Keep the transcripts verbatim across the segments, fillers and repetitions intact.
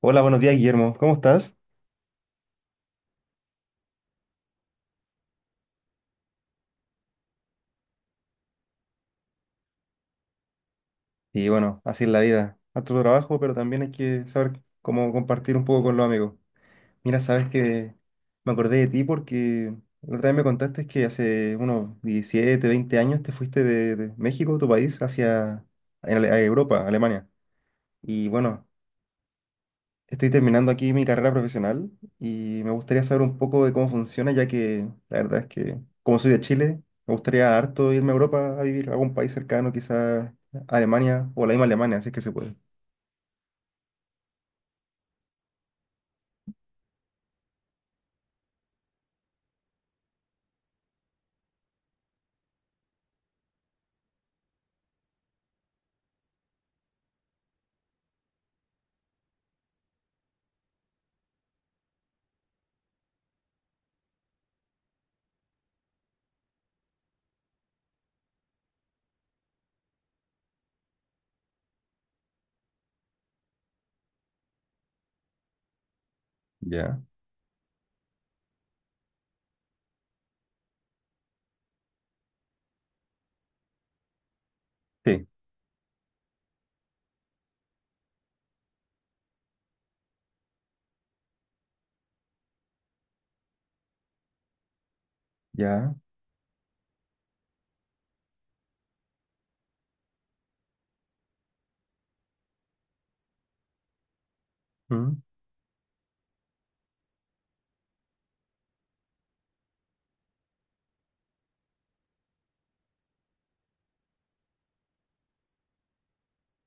Hola, buenos días, Guillermo. ¿Cómo estás? Y bueno, así es la vida. Harto trabajo, pero también hay que saber cómo compartir un poco con los amigos. Mira, sabes que me acordé de ti porque la otra vez me contaste que hace unos diecisiete, veinte años te fuiste de, de México, tu país, hacia a Ale- a Europa, Alemania. Y bueno, estoy terminando aquí mi carrera profesional y me gustaría saber un poco de cómo funciona, ya que la verdad es que, como soy de Chile, me gustaría harto irme a Europa a vivir, a algún país cercano, quizás Alemania o la misma Alemania, si es que se puede. Ya. Sí, ya. Mm.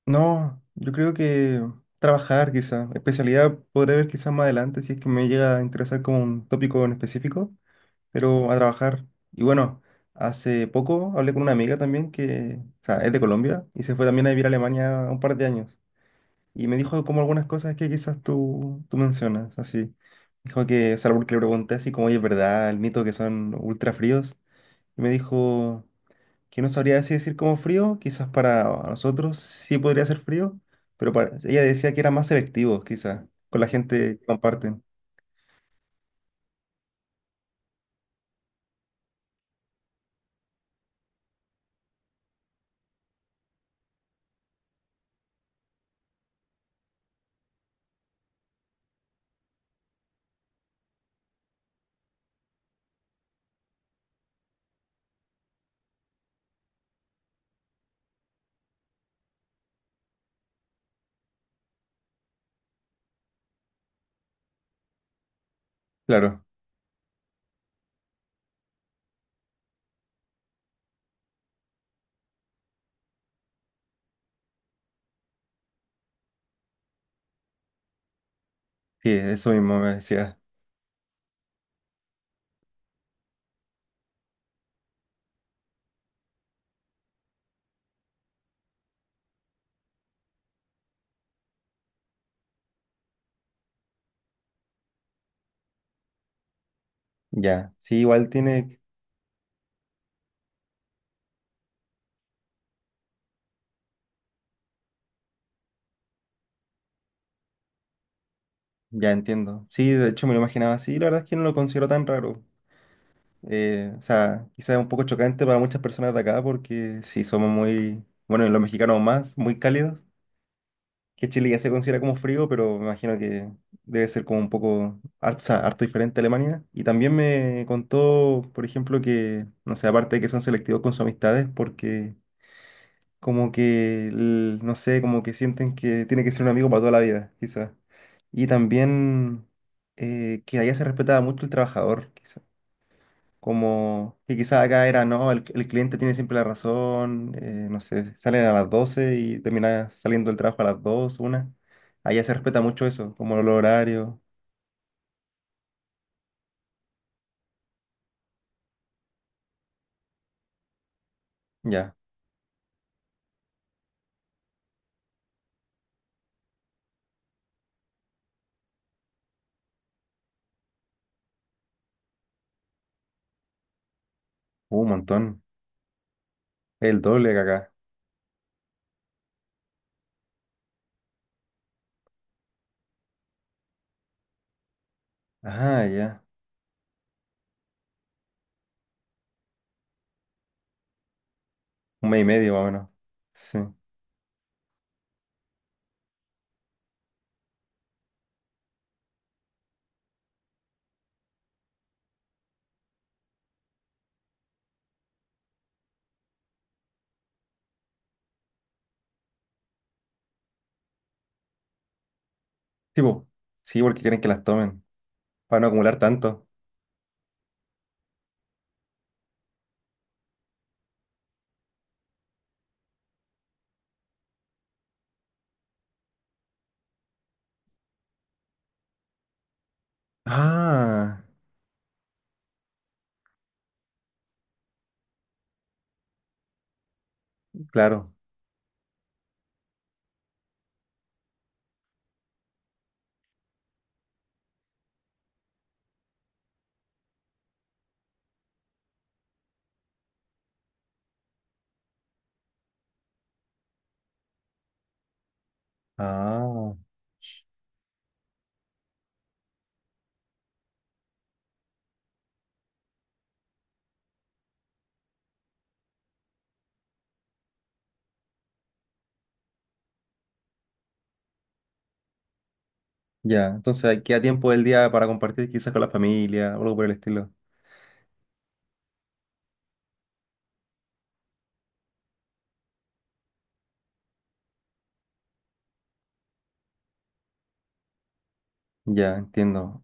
No, yo creo que trabajar, quizás. Especialidad podré ver quizás más adelante si es que me llega a interesar como un tópico en específico, pero a trabajar. Y bueno, hace poco hablé con una amiga también que, o sea, es de Colombia y se fue también a vivir a Alemania un par de años. Y me dijo como algunas cosas que quizás tú, tú mencionas, así. Dijo que, o sea, porque le pregunté así como, oye, ¿es verdad el mito que son ultra fríos? Y me dijo que no sabría así decir como frío, quizás para nosotros sí podría ser frío, pero para, ella decía que era más selectivo, quizás, con la gente que comparten. Claro, sí, eso mismo me decía. Ya, sí, igual tiene. Ya entiendo. Sí, de hecho me lo imaginaba así. La verdad es que no lo considero tan raro. Eh, o sea, quizás es un poco chocante para muchas personas de acá porque sí somos muy, bueno, y los mexicanos más, muy cálidos. Que Chile ya se considera como frío, pero me imagino que debe ser como un poco, harto, o sea, harto diferente a Alemania. Y también me contó, por ejemplo, que, no sé, aparte de que son selectivos con sus amistades, porque como que, el- no sé, como que sienten que tiene que ser un amigo para toda la vida, quizás. Y también eh, que allá se respetaba mucho el trabajador, quizás. Como que quizás acá era, no, el, el cliente tiene siempre la razón, eh, no sé, salen a las doce y termina saliendo el trabajo a las dos una. Allá se respeta mucho eso, como los horarios, ya, un montón, el doble que acá. Ah, ya, un mes y medio más o menos. Sí, sí, po. Sí, porque quieren que las tomen, para no acumular tanto. Ah, claro. Ah, ya. Entonces ahí queda tiempo del día para compartir quizás con la familia o algo por el estilo. Ya, entiendo.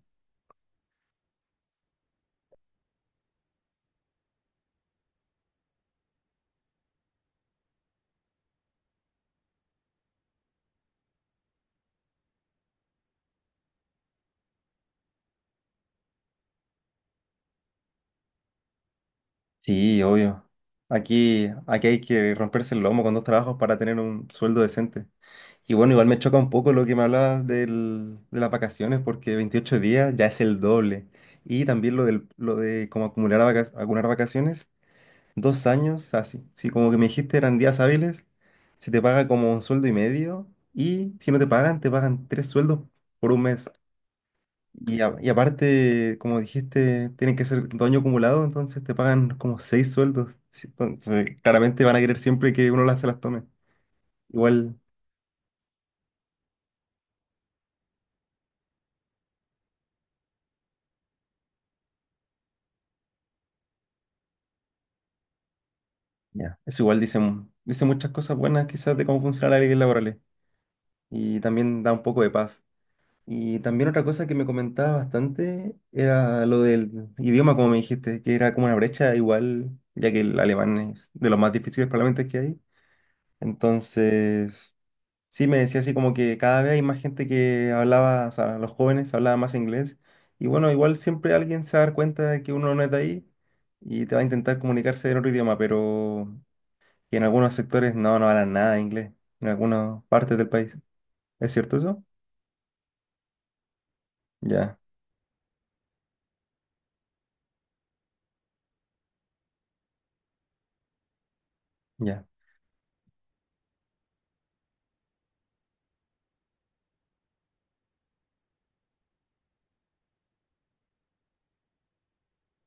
Sí, obvio. Aquí, aquí hay que romperse el lomo con dos trabajos para tener un sueldo decente. Y bueno, igual me choca un poco lo que me hablabas del- de las vacaciones, porque veintiocho días ya es el doble. Y también lo del, lo de cómo acumular, vaca- acumular vacaciones. Dos años, así. Si como que me dijiste eran días hábiles, se te paga como un sueldo y medio y si no te pagan, te pagan tres sueldos por un mes. Y, a- y aparte, como dijiste, tienen que ser dos años acumulados, entonces te pagan como seis sueldos. Sí, entonces, claramente van a querer siempre que uno las, se las tome. Igual, ya, eso igual dice, mu- dice muchas cosas buenas quizás de cómo funciona la ley laboral y también da un poco de paz. Y también otra cosa que me comentaba bastante era lo del idioma, como me dijiste, que era como una brecha igual, ya que el alemán es de los más difíciles probablemente que hay. Entonces, sí me decía así como que cada vez hay más gente que hablaba, o sea, los jóvenes hablaban más inglés. Y bueno, igual siempre alguien se va a dar cuenta de que uno no es de ahí y te va a intentar comunicarse en otro idioma, pero que en algunos sectores no, no hablan nada de inglés, en algunas partes del país. ¿Es cierto eso? Ya, ya,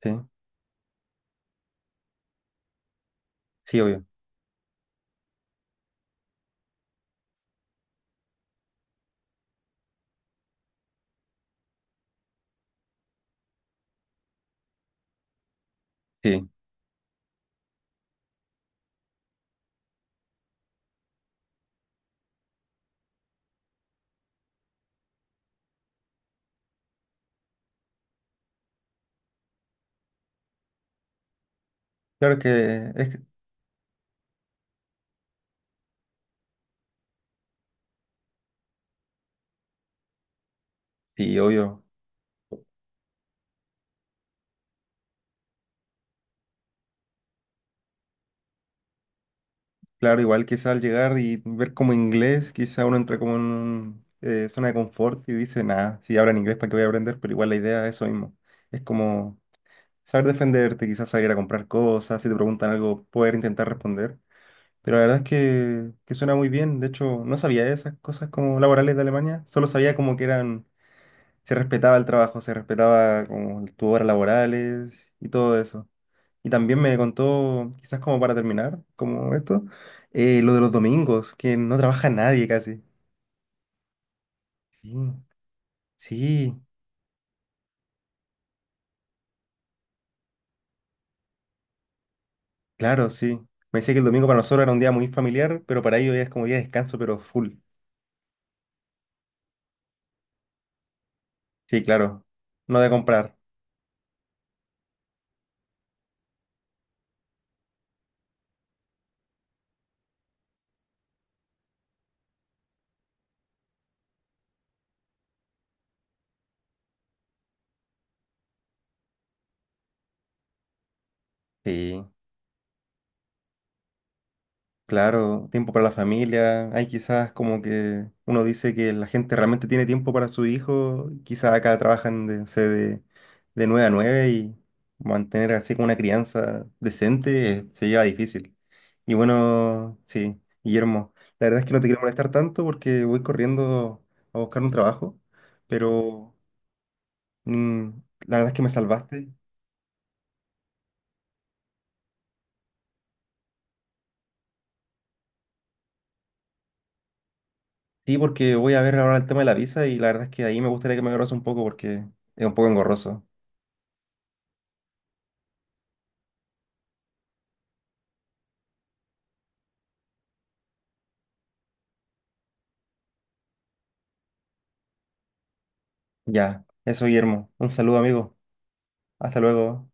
sí, sí, obvio. Sí, claro que es, que- sí, obvio. Claro, igual quizá al llegar y ver como inglés, quizá uno entra como en un, eh, zona de confort y dice, nada, si hablan inglés, ¿para qué voy a aprender? Pero igual la idea es eso mismo. Es como saber defenderte, quizás salir a comprar cosas, si te preguntan algo, poder intentar responder. Pero la verdad es que, que suena muy bien. De hecho, no sabía de esas cosas como laborales de Alemania. Solo sabía como que eran, se respetaba el trabajo, se respetaba como tus horas laborales y todo eso. Y también me contó, quizás como para terminar, como esto, eh, lo de los domingos, que no trabaja nadie casi. Sí, sí, claro, sí. Me decía que el domingo para nosotros era un día muy familiar, pero para ellos ya es como día de descanso, pero full. Sí, claro. No de comprar. Sí. Claro, tiempo para la familia. Hay quizás como que uno dice que la gente realmente tiene tiempo para su hijo. Quizás acá trabajan de, no sé, de, de nueve a nueve y mantener así como una crianza decente, eh, se lleva difícil. Y bueno, sí, Guillermo, la verdad es que no te quiero molestar tanto porque voy corriendo a buscar un trabajo, pero mm, la verdad es que me salvaste. Sí, porque voy a ver ahora el tema de la visa y la verdad es que ahí me gustaría que me ayudaras un poco porque es un poco engorroso. Ya, eso, Guillermo. Un saludo, amigo. Hasta luego.